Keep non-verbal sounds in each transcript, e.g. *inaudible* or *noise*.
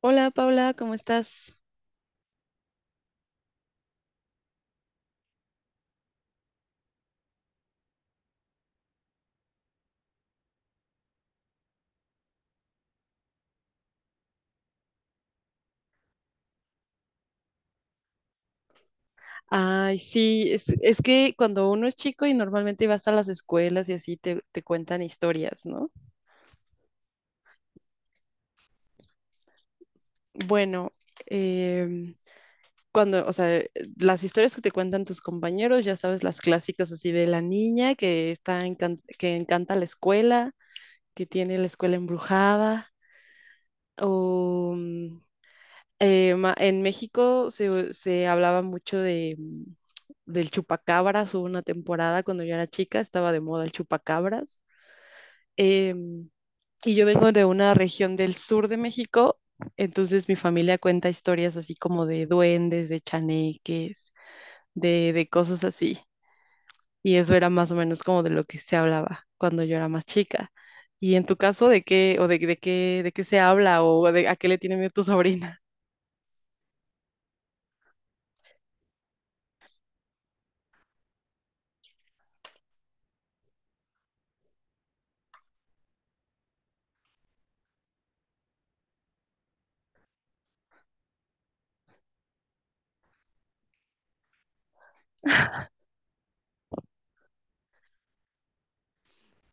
Hola Paula, ¿cómo estás? Ay, sí, es que cuando uno es chico y normalmente vas a las escuelas y así te cuentan historias, ¿no? Bueno, em, cuando, o sea, eh, las historias que te cuentan tus compañeros, ya sabes, las clásicas así de la niña que que encanta la escuela, que tiene la escuela embrujada, o, mm, en México se hablaba mucho de del chupacabras. Hubo una temporada cuando yo era chica, estaba de moda el chupacabras. Em, y yo vengo de una región del sur de México, entonces mi familia cuenta historias así como de duendes, de chaneques, de cosas así. Y eso era más o menos como de lo que se hablaba cuando yo era más chica. Y en tu caso, ¿de qué de qué se habla o de a qué le tiene miedo tu sobrina?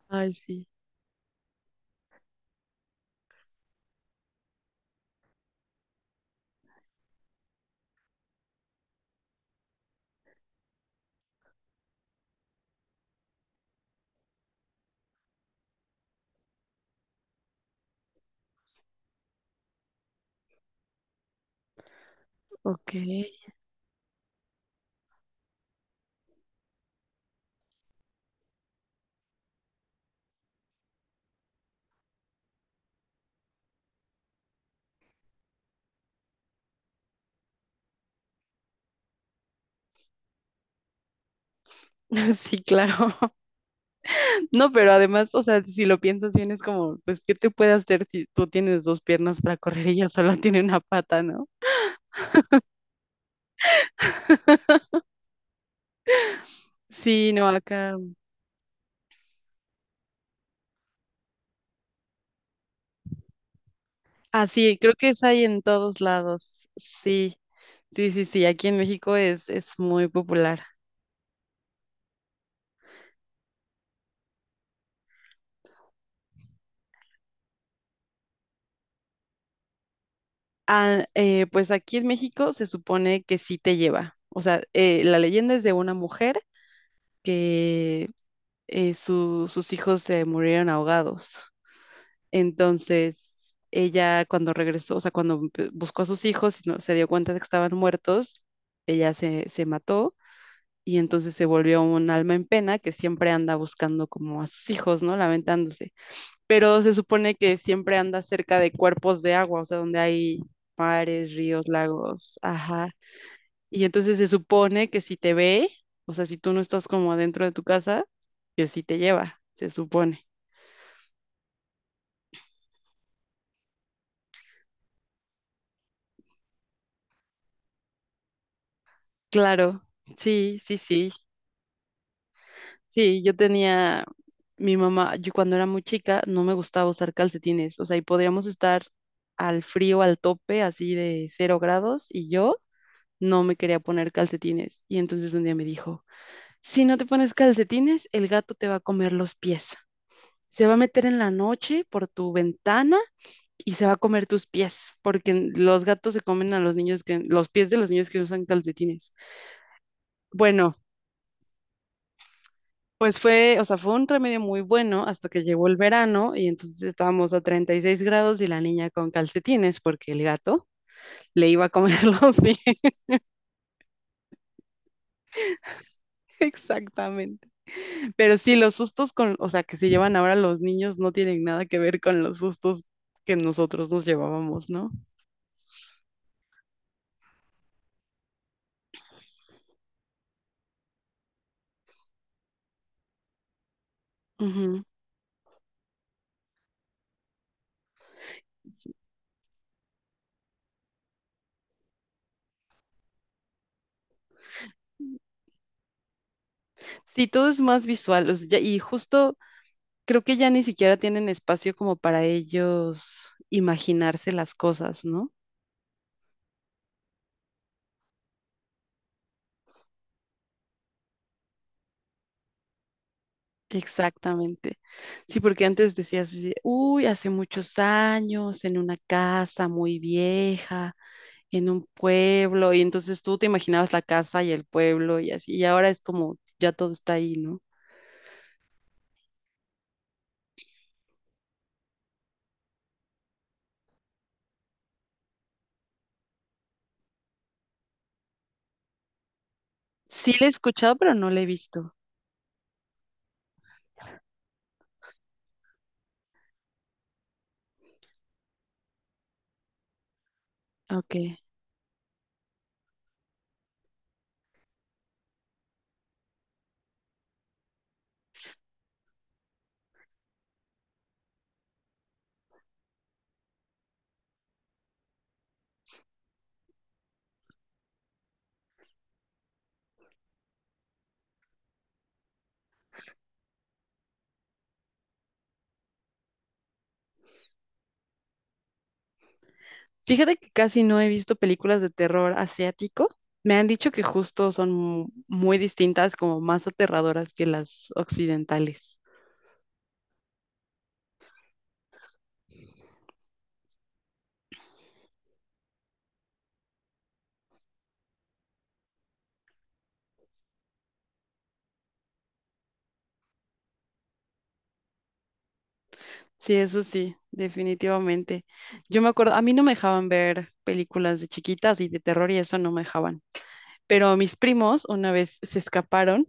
Ay, sí. Ok. *laughs* Sí, claro. *laughs* No, pero además, o sea, si lo piensas bien, es como, pues, ¿qué te puede hacer si tú tienes dos piernas para correr y ella solo *laughs* tiene una pata, ¿no? Sí, no, acá. Ah, sí, creo que es ahí en todos lados. Sí, sí, sí, sí, aquí en México es muy popular. Ah, pues aquí en México se supone que sí te lleva. O sea, la leyenda es de una mujer que sus hijos se murieron ahogados. Entonces, ella cuando regresó, o sea, buscó a sus hijos y se dio cuenta de que estaban muertos, ella se mató y entonces se volvió un alma en pena que siempre anda buscando como a sus hijos, ¿no? Lamentándose. Pero se supone que siempre anda cerca de cuerpos de agua, o sea, donde hay mares, ríos, lagos, ajá. Y entonces se supone que si te ve, o sea, si tú no estás como adentro de tu casa, que sí te lleva, se supone. Claro, sí, sí, sí. Sí, yo tenía mi mamá, yo cuando era muy chica no me gustaba usar calcetines, o sea, y podríamos estar al frío, al tope, así de cero grados, y yo no me quería poner calcetines. Y entonces un día me dijo, si no te pones calcetines, el gato te va a comer los pies. Se va a meter en la noche por tu ventana y se va a comer tus pies, porque los gatos se comen a los niños que, los pies de los niños que usan calcetines. Bueno, pues fue, o sea, fue un remedio muy bueno hasta que llegó el verano y entonces estábamos a 36 grados y la niña con calcetines porque el gato le iba a comer *laughs* los pies. Exactamente. Pero sí, los sustos con, o sea, que se llevan ahora los niños no tienen nada que ver con los sustos que nosotros nos llevábamos, ¿no? Ujú. Sí, todo es más visual, o sea, y justo creo que ya ni siquiera tienen espacio como para ellos imaginarse las cosas, ¿no? Exactamente. Sí, porque antes decías, así de, uy, hace muchos años, en una casa muy vieja, en un pueblo, y entonces tú te imaginabas la casa y el pueblo y así, y ahora es como ya todo está ahí, ¿no? Sí la he escuchado, pero no la he visto. Ok. Fíjate que casi no he visto películas de terror asiático. Me han dicho que justo son muy distintas, como más aterradoras que las occidentales. Sí, eso sí, definitivamente. Yo me acuerdo, a mí no me dejaban ver películas de chiquitas y de terror y eso no me dejaban. Pero mis primos una vez se escaparon,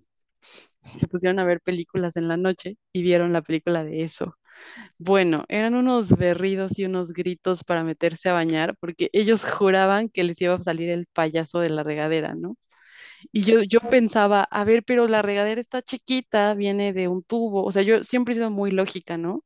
se pusieron a ver películas en la noche y vieron la película de eso. Bueno, eran unos berridos y unos gritos para meterse a bañar porque ellos juraban que les iba a salir el payaso de la regadera, ¿no? Y yo pensaba, a ver, pero la regadera está chiquita, viene de un tubo. O sea, yo siempre he sido muy lógica, ¿no?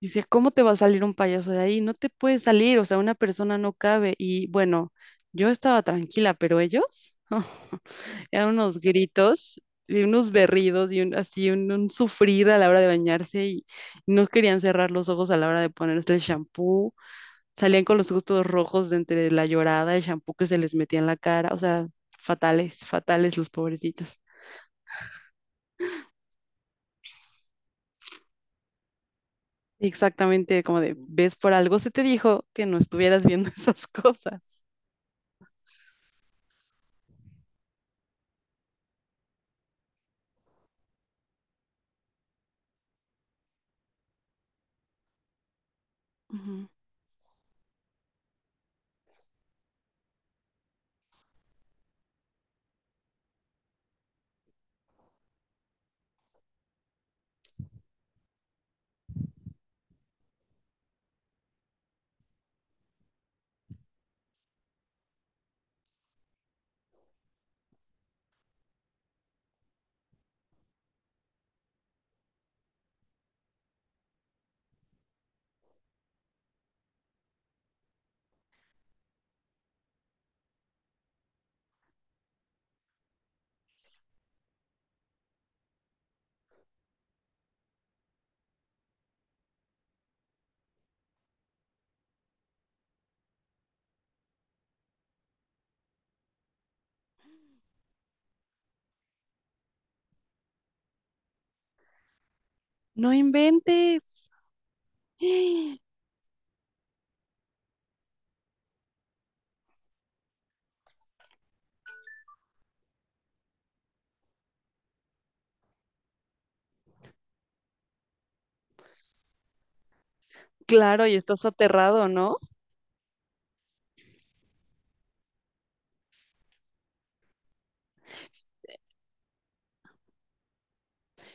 Dice, ¿cómo te va a salir un payaso de ahí? No te puede salir, o sea, una persona no cabe. Y bueno, yo estaba tranquila, pero ellos, *laughs* eran unos gritos y unos berridos y un, así un sufrir a la hora de bañarse y no querían cerrar los ojos a la hora de ponerse el shampoo. Salían con los ojos todos rojos de entre la llorada, el shampoo que se les metía en la cara, o sea, fatales, fatales los pobrecitos. Exactamente como de, ves por algo, se te dijo que no estuvieras viendo *laughs* esas cosas. Ujú. No inventes. *gasps* Claro, y estás aterrado, ¿no?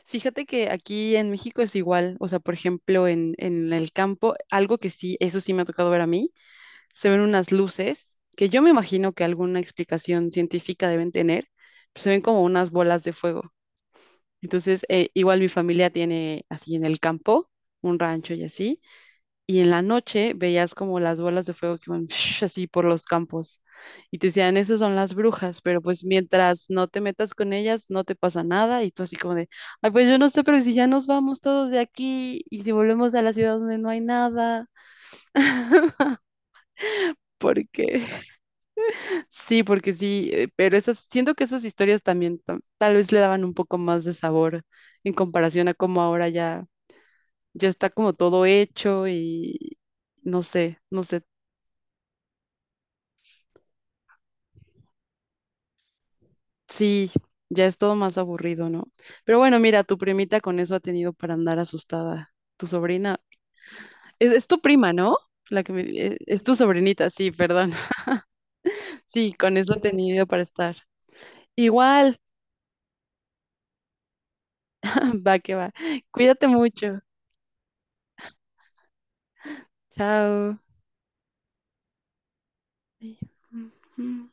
Fíjate que aquí en México es igual, o sea, por ejemplo, en el campo, algo que sí, eso sí me ha tocado ver a mí, se ven unas luces que yo me imagino que alguna explicación científica deben tener, pues se ven como unas bolas de fuego. Entonces, igual mi familia tiene así en el campo, un rancho y así. Y en la noche veías como las bolas de fuego que iban *laughs* así por los campos y te decían, esas son las brujas, pero pues mientras no te metas con ellas, no te pasa nada y tú así como de, ay, pues yo no sé, pero si ya nos vamos todos de aquí y si volvemos a la ciudad donde no hay nada. Porque *laughs* sí, porque sí, pero esas, siento que esas historias también tal vez le daban un poco más de sabor en comparación a cómo ahora ya, ya está como todo hecho y no sé, no sé. Sí, ya es todo más aburrido, ¿no? Pero bueno, mira, tu primita con eso ha tenido para andar asustada. Tu sobrina, es tu prima, ¿no? La que me, es tu sobrinita, sí, perdón. *laughs* Sí, con eso ha tenido para estar. Igual, *clears throat* *laughs* va que va. Cuídate mucho. Chao. Sí.